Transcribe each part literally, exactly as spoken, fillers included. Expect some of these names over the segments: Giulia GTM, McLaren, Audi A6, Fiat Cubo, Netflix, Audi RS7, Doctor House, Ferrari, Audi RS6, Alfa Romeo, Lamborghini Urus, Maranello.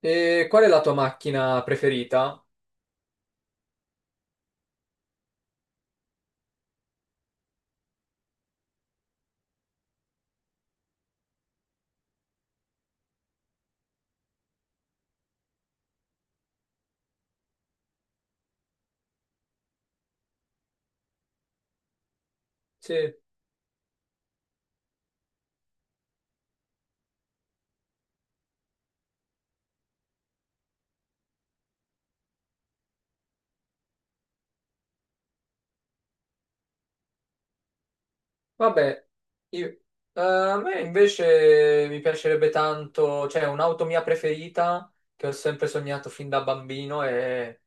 E qual è la tua macchina preferita? Sì, vabbè, io- eh, a me invece mi piacerebbe tanto, cioè un'auto mia preferita che ho sempre sognato fin da bambino è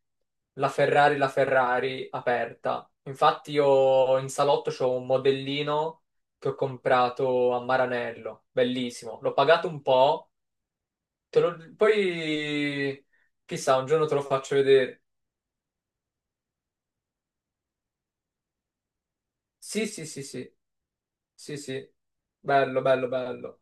la Ferrari, la Ferrari aperta. Infatti io in salotto c'ho un modellino che ho comprato a Maranello, bellissimo. L'ho pagato un po', te lo- poi chissà, un giorno te lo faccio vedere. Sì, sì, sì, sì. Sì, sì, bello, bello, bello.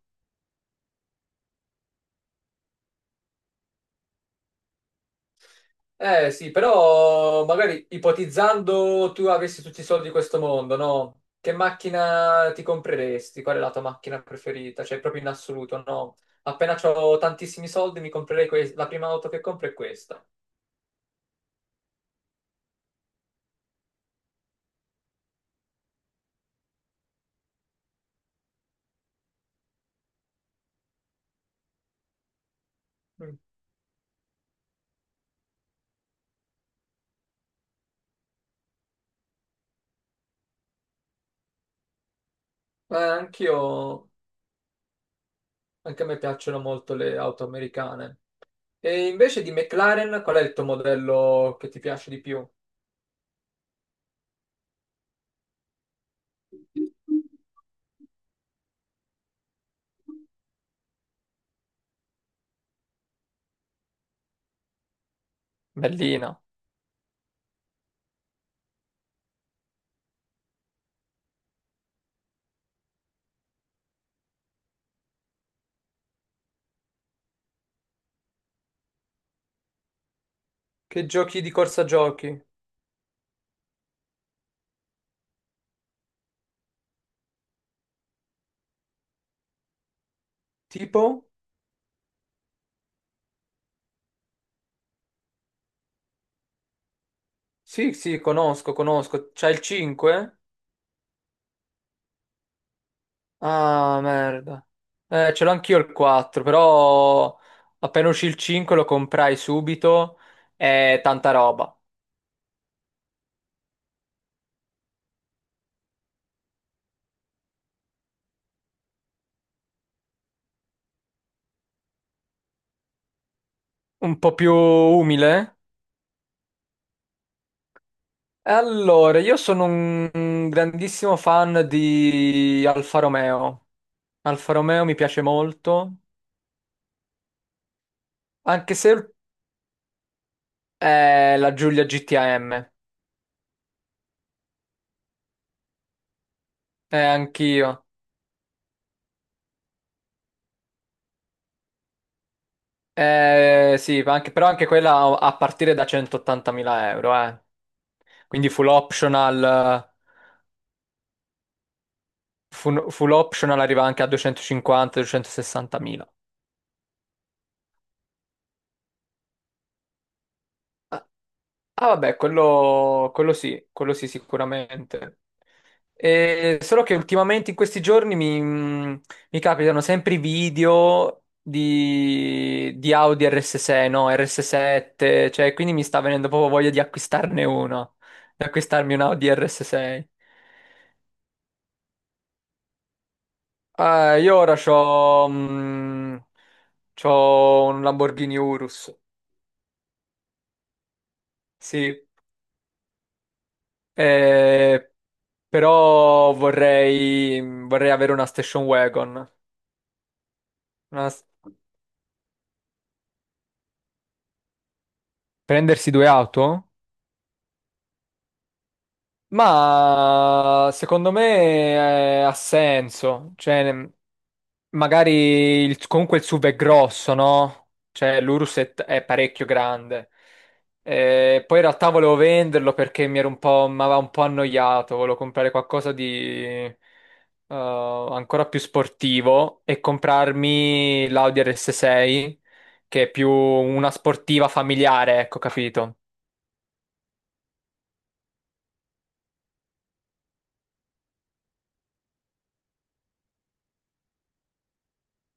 Eh sì, però magari ipotizzando tu avessi tutti i soldi di questo mondo, no? Che macchina ti compreresti? Qual è la tua macchina preferita? Cioè, proprio in assoluto, no? Appena ho tantissimi soldi mi comprerei que- la prima auto che compro è questa. Mm. Eh, anch'io, anche a me piacciono molto le auto americane. E invece di McLaren, qual è il tuo modello che ti piace di più? Bellina. Che giochi di corsa giochi? Tipo? Sì, sì, conosco, conosco. C'hai il cinque? Ah, merda. Eh, ce l'ho anch'io il quattro, però appena uscì il cinque lo comprai subito e tanta roba. Un po' più umile. E allora, io sono un un grandissimo fan di Alfa Romeo. Alfa Romeo mi piace molto, anche se è la Giulia G T M. Eh, anch'io. Eh, sì, ma anche- però anche quella a partire da centottantamila euro, eh. Quindi full optional, full, full optional arriva anche a duecentocinquanta duecentosessanta mila. Ah, ah, vabbè, quello, quello sì, quello sì sicuramente. E solo che ultimamente in questi giorni mi, mi capitano sempre i video di, di Audi R S sei, no, R S sette, cioè quindi mi sta venendo proprio voglia di acquistarne uno, di acquistarmi un Audi R S sei. Eh, io ora c'ho, mm, c'ho un Lamborghini Urus, sì. Eh, Però vorrei, vorrei avere una station wagon. Una s- Prendersi due auto? Ma secondo me eh, ha senso, cioè mh, magari il- comunque il SUV è grosso, no? Cioè l'Urus è, è parecchio grande. Eh, poi in realtà volevo venderlo perché mi era un po', mi aveva un po' annoiato, volevo comprare qualcosa di eh, ancora più sportivo e comprarmi l'Audi R S sei, che è più una sportiva familiare, ecco, capito?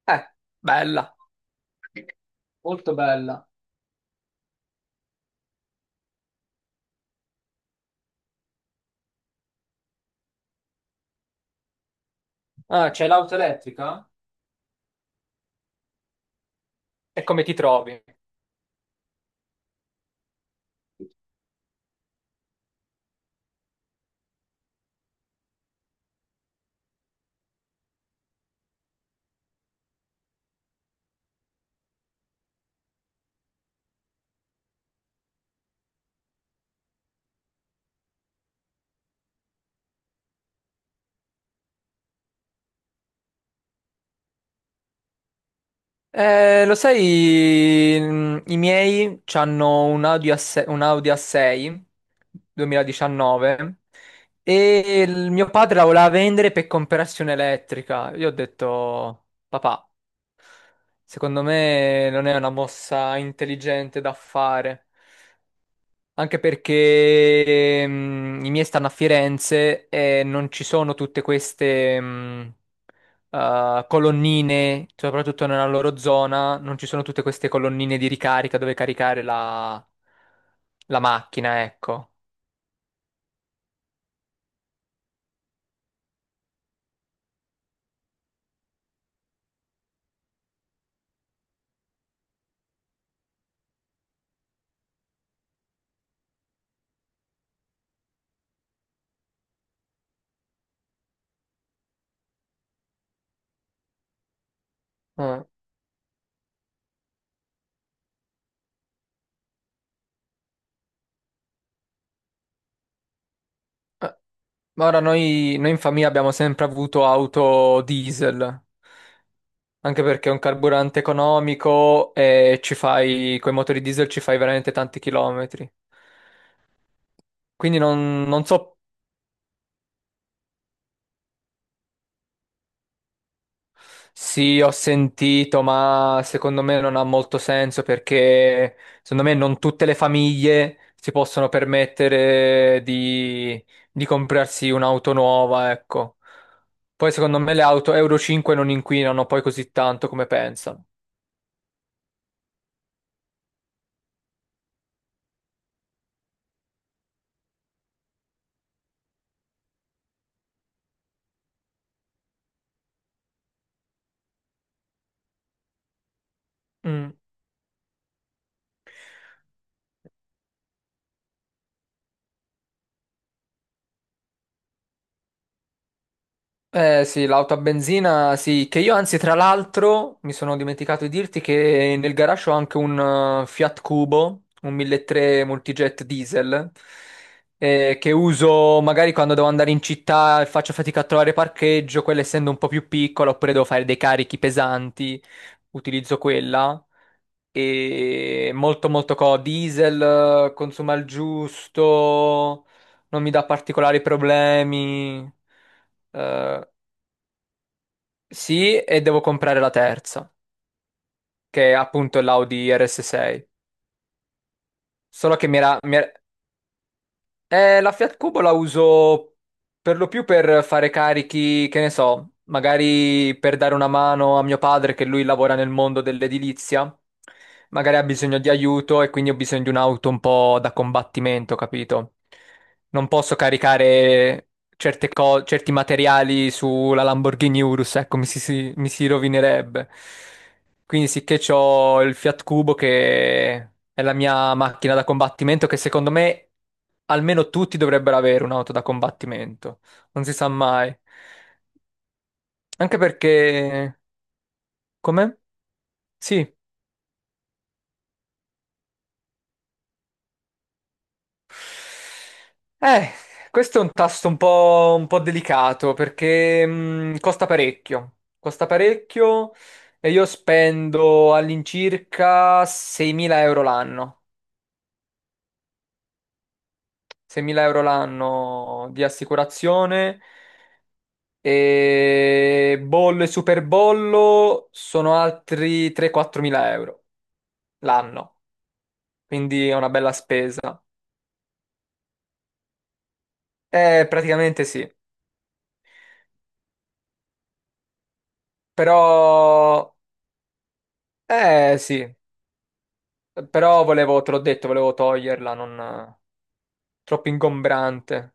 Eh, bella. Molto bella. Ah, c'è l'auto elettrica? E come ti trovi? Eh, lo sai, mh, i miei hanno un Audi A sei, un Audi A sei duemiladiciannove, e il mio padre la voleva vendere per comprarsi un'elettrica. Io ho detto, papà, secondo me non è una mossa intelligente da fare, anche perché mh, i miei stanno a Firenze e non ci sono tutte queste... mh, eh, colonnine, soprattutto nella loro zona, non ci sono tutte queste colonnine di ricarica dove caricare la, la macchina, ecco. Eh, eh, Ma ora noi, noi in famiglia abbiamo sempre avuto auto diesel, anche perché è un carburante economico e ci fai, con i motori diesel ci fai veramente tanti chilometri. Quindi non, non so. Sì, ho sentito, ma secondo me non ha molto senso perché secondo me non tutte le famiglie si possono permettere di, di comprarsi un'auto nuova, ecco. Poi secondo me le auto Euro cinque non inquinano poi così tanto come pensano. Mm. Eh sì, l'auto a benzina, sì, che io anzi tra l'altro mi sono dimenticato di dirti che nel garage ho anche un eh, Fiat Cubo, un uno virgola tre multijet diesel, eh, che uso magari quando devo andare in città e faccio fatica a trovare parcheggio, quella essendo un po' più piccola, oppure devo fare dei carichi pesanti, utilizzo quella. E molto molto co, diesel, eh, consuma il giusto, non mi dà particolari problemi. Eh, sì, e devo comprare la terza, che è appunto l'Audi R S sei. Solo che mi era, mi era- Eh, la Fiat Cubo la uso per lo più per fare carichi, che ne so, magari per dare una mano a mio padre, che lui lavora nel mondo dell'edilizia, magari ha bisogno di aiuto e quindi ho bisogno di un'auto un po' da combattimento, capito? Non posso caricare certe co- certi materiali sulla Lamborghini Urus, ecco, mi si, si- mi si rovinerebbe. Quindi sicché c'ho il Fiat Cubo che è la mia macchina da combattimento, che secondo me almeno tutti dovrebbero avere un'auto da combattimento, non si sa mai. Anche perché. Come? Sì. Eh, questo è un tasto un po', un po' delicato perché mh, costa parecchio, costa parecchio e io spendo all'incirca seimila euro l'anno, seimila euro l'anno di assicurazione, e bollo e superbollo sono altri tre-quattromila euro l'anno, quindi è una bella spesa. Eh, praticamente sì, però. Eh sì, però volevo, te l'ho detto, volevo toglierla, non troppo ingombrante.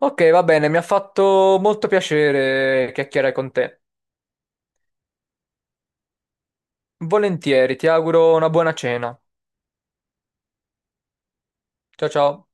Ok, va bene, mi ha fatto molto piacere chiacchierare con te. Volentieri, ti auguro una buona cena. Ciao ciao.